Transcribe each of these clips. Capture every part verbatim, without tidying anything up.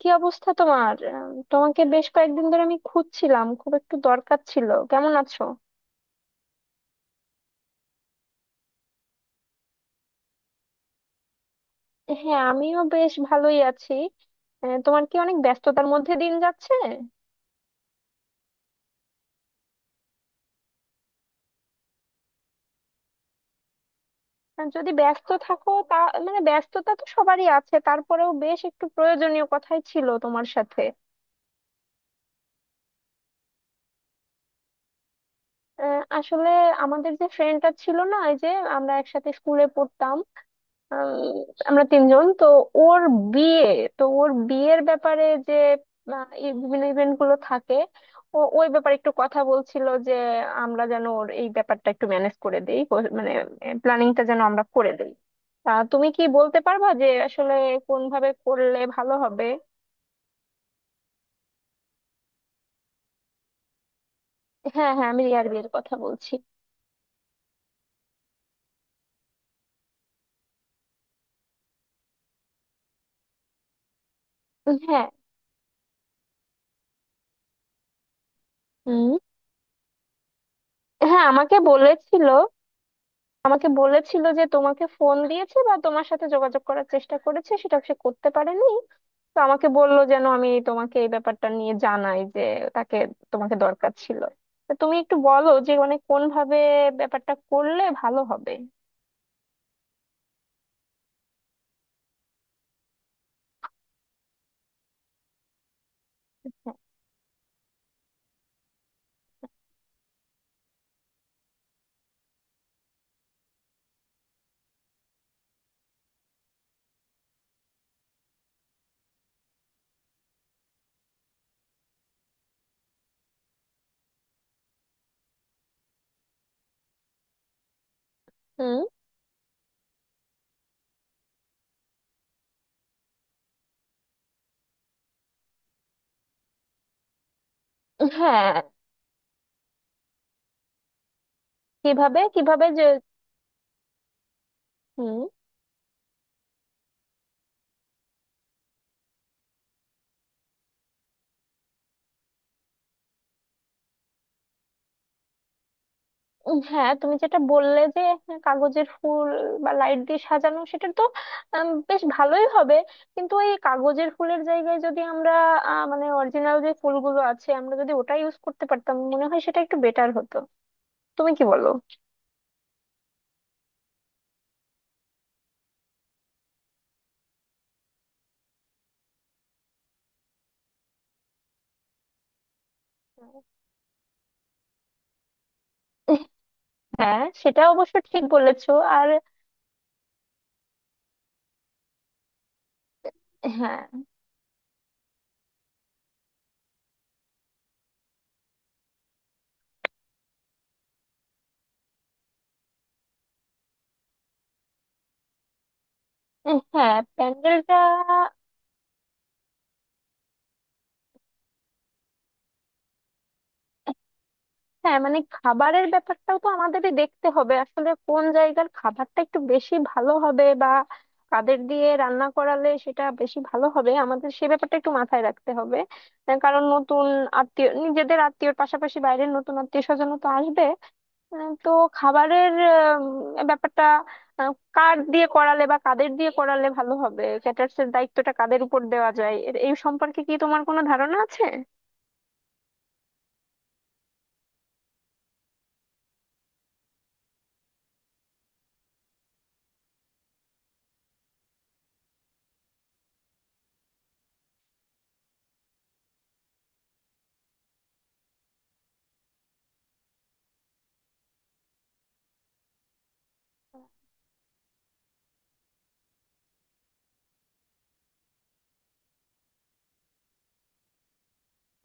কি অবস্থা তোমার? আহ, তোমাকে বেশ কয়েকদিন ধরে আমি খুঁজছিলাম, খুব একটু দরকার ছিল। কেমন আছো? হ্যাঁ, আমিও বেশ ভালোই আছি। আহ, তোমার কি অনেক ব্যস্ততার মধ্যে দিন যাচ্ছে? আর যদি ব্যস্ত থাকো তা মানে ব্যস্ততা তো সবারই আছে, তারপরেও বেশ একটু প্রয়োজনীয় কথাই ছিল তোমার সাথে। আহ, আসলে আমাদের যে ফ্রেন্ডটা ছিল না, এই যে আমরা একসাথে স্কুলে পড়তাম, আম, আমরা তিনজন তো, ওর বিয়ে, তো ওর বিয়ের ব্যাপারে যে আহ, এই বিভিন্ন ইভেন্ট গুলো থাকে, ও ওই ব্যাপারে একটু কথা বলছিল যে আমরা যেন ওর এই ব্যাপারটা একটু ম্যানেজ করে দেই, ও- মানে প্ল্যানিংটা যেন আমরা করে দেই। তা তুমি কি বলতে পারবা যে আসলে কোন ভাবে করলে ভালো হবে? হ্যাঁ, হ্যাঁ, আমি রিয়ার বিয়ের কথা বলছি। হ্যাঁ। হুম। হ্যাঁ, আমাকে বলেছিল। আমাকে বলেছিল যে তোমাকে ফোন দিয়েছে বা তোমার সাথে যোগাযোগ করার চেষ্টা করেছে, সেটা সে করতে পারেনি। তো আমাকে বললো যেন আমি তোমাকে এই ব্যাপারটা নিয়ে জানাই যে তাকে, তোমাকে দরকার ছিল। তো তুমি একটু বলো যে মানে কোন ভাবে ব্যাপারটা করলে ভালো হবে। হুম। হ্যাঁ। কিভাবে কিভাবে যে। হুম। হ্যাঁ, তুমি যেটা বললে যে কাগজের ফুল বা লাইট দিয়ে সাজানো, সেটা তো উম, বেশ ভালোই হবে। কিন্তু এই কাগজের ফুলের জায়গায় যদি আমরা আহ, মানে অরিজিনাল যে ফুলগুলো আছে, আমরা যদি ওটা ইউজ করতে পারতাম, মনে হয় সেটা একটু বেটার হতো। তুমি কি বলো? হ্যাঁ, সেটা অবশ্য ঠিক বলেছো। আর হ্যাঁ। হ্যাঁ, প্যান্ডেলটা। হ্যাঁ মানে খাবারের ব্যাপারটাও তো আমাদেরই দেখতে হবে, আসলে কোন জায়গার খাবারটা একটু বেশি ভালো হবে বা কাদের দিয়ে রান্না করালে সেটা বেশি ভালো হবে, আমাদের সে ব্যাপারটা একটু মাথায় রাখতে হবে। আহ, কারণ নতুন আত্মীয়, নিজেদের আত্মীয়র পাশাপাশি বাইরের নতুন আত্মীয় স্বজনও তো আসবে। উম, তো খাবারের উম, ব্যাপারটা, আহ, কার দিয়ে করালে বা কাদের দিয়ে করালে ভালো হবে, ক্যাটার্স এর দায়িত্বটা কাদের উপর দেওয়া যায়, এর- এই সম্পর্কে কি তোমার কোনো ধারণা আছে?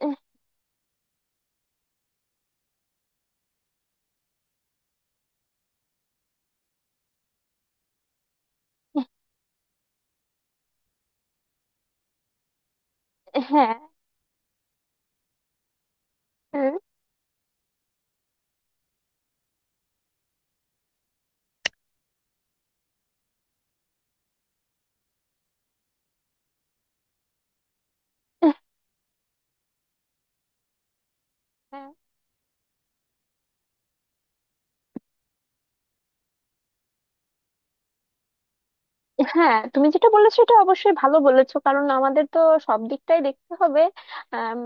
এহ, হ্যাঁ। হ্যাঁ। হ্যাঁ, তুমি যেটা বলেছো এটা অবশ্যই ভালো বলেছো, কারণ আমাদের তো সব দিকটাই দেখতে হবে। আম,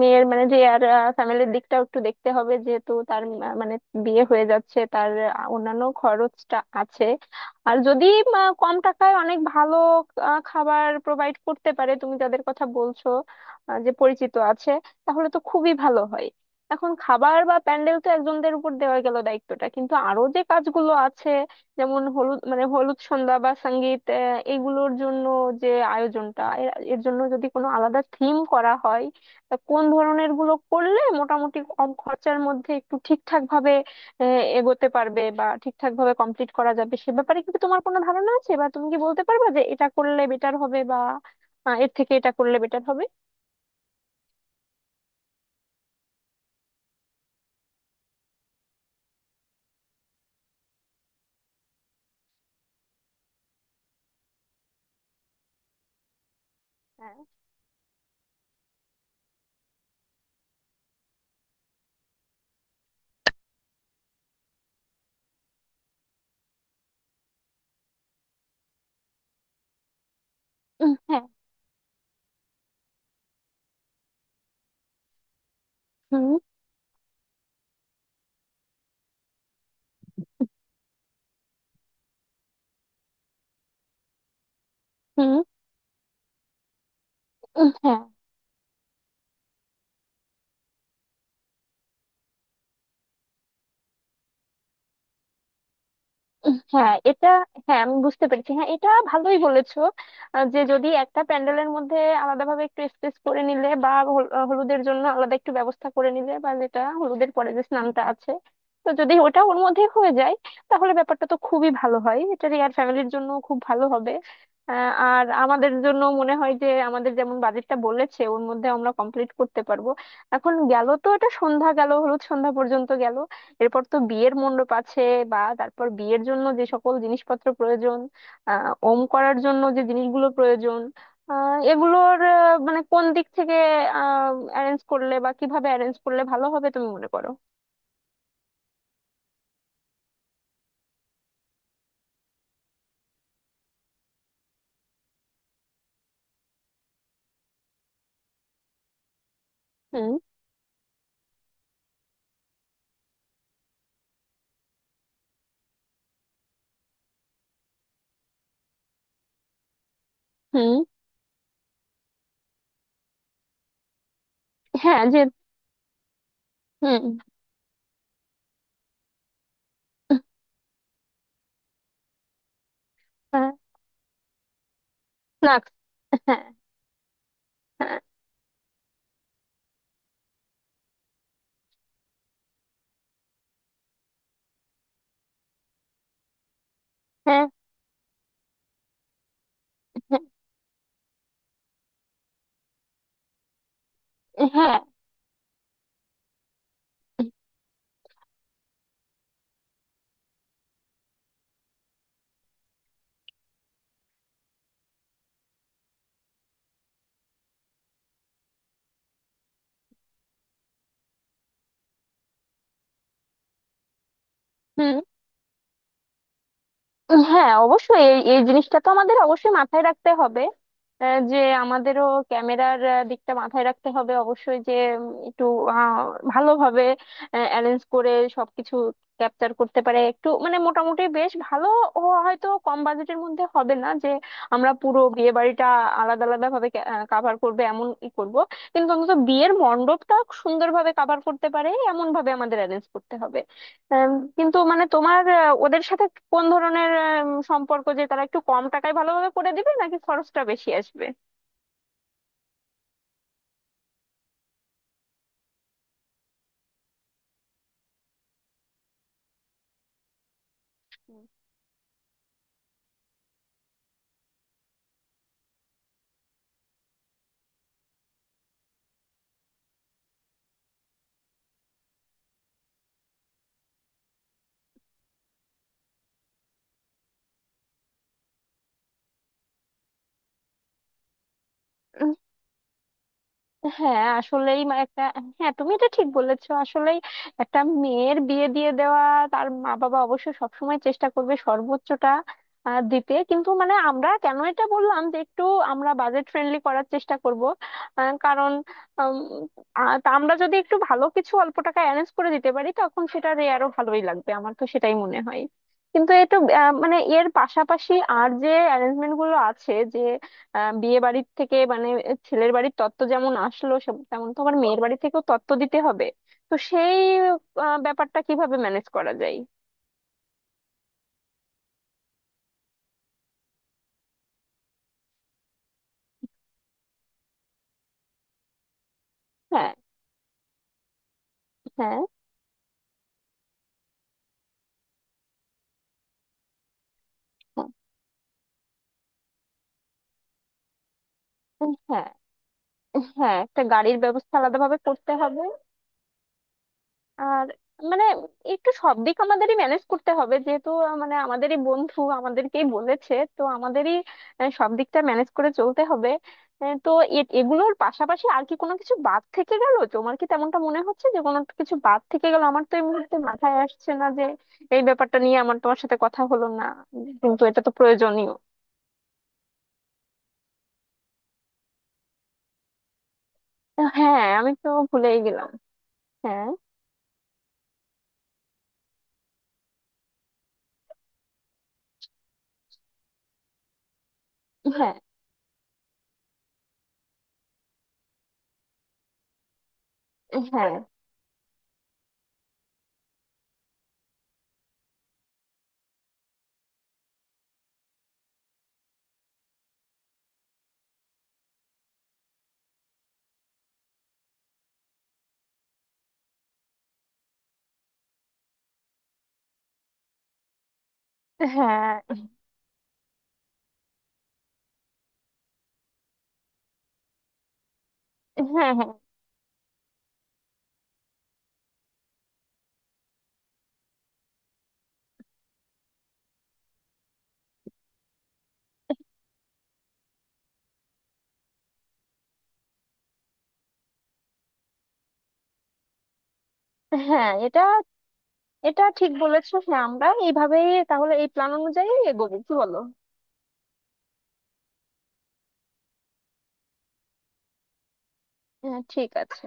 মেয়ের মানে যে আর ফ্যামিলির দিকটাও একটু দেখতে হবে, যেহেতু তার মা- মানে বিয়ে হয়ে যাচ্ছে, তার আহ, অন্যান্য খরচটা আছে। আর যদি আহ, কম টাকায় অনেক ভালো আহ, খাবার প্রোভাইড করতে পারে, তুমি যাদের কথা বলছো, আহ, যে পরিচিত আছে, তাহলে তো খুবই ভালো হয়। এখন খাবার বা প্যান্ডেল তো একজনদের উপর দেওয়া গেল দায়িত্বটা, কিন্তু আরো যে কাজগুলো আছে যেমন হলুদ মানে হলুদ সন্ধ্যা বা সঙ্গীত, আহ, এগুলোর জন্য যে আয়োজনটা, এর এর জন্য যদি কোনো আলাদা থিম করা হয়, তা কোন ধরনের গুলো করলে মোটামুটি কম খরচার মধ্যে একটু ঠিকঠাক ভাবে আহ, এগোতে পারবে বা ঠিকঠাক ভাবে কমপ্লিট করা যাবে, সে ব্যাপারে কি তোমার কোনো ধারণা আছে, বা তুমি কি বলতে পারবে যে এটা করলে বেটার হবে বা আহ, এর থেকে এটা করলে বেটার হবে? হ্যাঁ। উম, হ্যাঁ। হুম। হুম। উম, হ্যাঁ। হ্যাঁ, এটা। হ্যাঁ, আমি বুঝতে পেরেছি। হ্যাঁ, এটা ভালোই বলেছো। আহ, যে যদি একটা প্যান্ডেলের মধ্যে আলাদাভাবে একটু স্পেস করে নিলে বা হল- আহ, হলুদের জন্য আলাদা একটু ব্যবস্থা করে নিলে, বা যেটা হলুদের পরে যে স্নানটা আছে, তো যদি ওটা ওর মধ্যে হয়ে যায়, তাহলে ব্যাপারটা তো খুবই ভালো হয়। এটা রিয়ার ফ্যামিলির জন্য খুব ভালো হবে। আহ, আর আমাদের জন্য মনে হয় যে আমাদের যেমন বাজেটটা বলেছে ওর মধ্যে আমরা কমপ্লিট করতে পারবো। এখন গেল তো এটা সন্ধ্যা গেল, হলুদ সন্ধ্যা পর্যন্ত গেল, এরপর তো বিয়ের মণ্ডপ আছে, বা তারপর বিয়ের জন্য যে সকল জিনিসপত্র প্রয়োজন, আহ ওম করার জন্য যে জিনিসগুলো প্রয়োজন, আহ এগুলোর আহ, মানে কোন দিক থেকে আহ অ্যারেঞ্জ করলে বা কিভাবে অ্যারেঞ্জ করলে ভালো হবে, তুমি মনে করো? হুম। হুম। হ্যাঁ যে। হুম। হ্যাঁ। না। হ্যাঁ। হ্যাঁ। হ্যাঁ। হ্যাঁ। হ্যাঁ, হুম। হ্যাঁ অবশ্যই, এই এই জিনিসটা তো আমাদের অবশ্যই মাথায় রাখতে হবে। আহ, যে আমাদেরও ক্যামেরার দিকটা মাথায় রাখতে হবে অবশ্যই, যে উম, একটু আহ, ভালোভাবে অ্যারেঞ্জ করে সবকিছু ক্যাপচার করতে পারে, একটু মানে মোটামুটি বেশ ভালো ও। হয়তো কম বাজেটের মধ্যে হবে না যে আমরা পুরো বিয়ে বাড়িটা আলাদা আলাদা ভাবে কাভার করবে এমন ই করব, কিন্তু অন্তত বিয়ের মণ্ডপটা সুন্দরভাবে কাভার করতে পারে এমন ভাবে আমাদের অ্যারেঞ্জ করতে হবে। আম, কিন্তু মানে তোমার আহ, ওদের সাথে কোন ধরনের আম, সম্পর্ক, যে তারা একটু কম টাকায় ভালোভাবে করে দিবে নাকি খরচটা বেশি আসবে? হ্যাঁ, আসলেই মা- একটা। হ্যাঁ, তুমি এটা ঠিক বলেছো। আসলেই একটা মেয়ের বিয়ে দিয়ে দেওয়া, তার মা বাবা অবশ্যই সবসময় চেষ্টা করবে সর্বোচ্চটা আহ, দিতে, কিন্তু মানে আমরা কেন এটা বললাম যে একটু আমরা বাজেট ফ্রেন্ডলি করার চেষ্টা করব, আহ, কারণ উম, আ- তা আমরা যদি একটু ভালো কিছু অল্প টাকা অ্যারেঞ্জ করে দিতে পারি, তখন সেটা আরো ভালোই লাগবে আমার, তো সেটাই মনে হয়। কিন্তু এটা আহ, মানে এর পাশাপাশি আর যে অ্যারেঞ্জমেন্ট গুলো আছে, যে আহ বিয়ে বাড়ির থেকে মানে ছেলের বাড়ির তত্ত্ব যেমন আসলো সব, তেমন তো আবার মেয়ের বাড়ি থেকেও তত্ত্ব দিতে হবে, তো সেই আহ, ব্যাপারটা কিভাবে ম্যানেজ করা যায়? হ্যাঁ, হ্যাঁ। হ্যাঁ। হ্যাঁ, হ্যাঁ, একটা গাড়ির ব্যবস্থা আলাদাভাবে করতে হবে। আর মানে একটু সব দিক আমাদেরই ম্যানেজ করতে হবে, যেহেতু আহ, মানে আমাদেরই বন্ধু আমাদেরকেই বলেছে, তো আমাদেরই আহ, সব দিকটা ম্যানেজ করে চলতে হবে। আহ, তো এ- এগুলোর পাশাপাশি আর কি কোনো কিছু বাদ থেকে গেল? তোমার কি তেমনটা মনে হচ্ছে যে কোনো কিছু বাদ থেকে গেল? আমার তো এই মুহূর্তে মাথায় আসছে না যে এই ব্যাপারটা নিয়ে আমার তোমার সাথে কথা হলো না, কিন্তু এটা তো প্রয়োজনীয়। হ্যাঁ, আমি তো ভুলেই গেলাম। হ্যাঁ। হ্যাঁ। হ্যাঁ। হ্যাঁ। হ্যাঁ। হ্যাঁ। হ্যাঁ, এটা। এটা ঠিক বলেছো। হ্যাঁ, আমরা এইভাবেই তাহলে এই প্ল্যান অনুযায়ী এগোবো, কি বলো? হ্যাঁ, ঠিক আছে।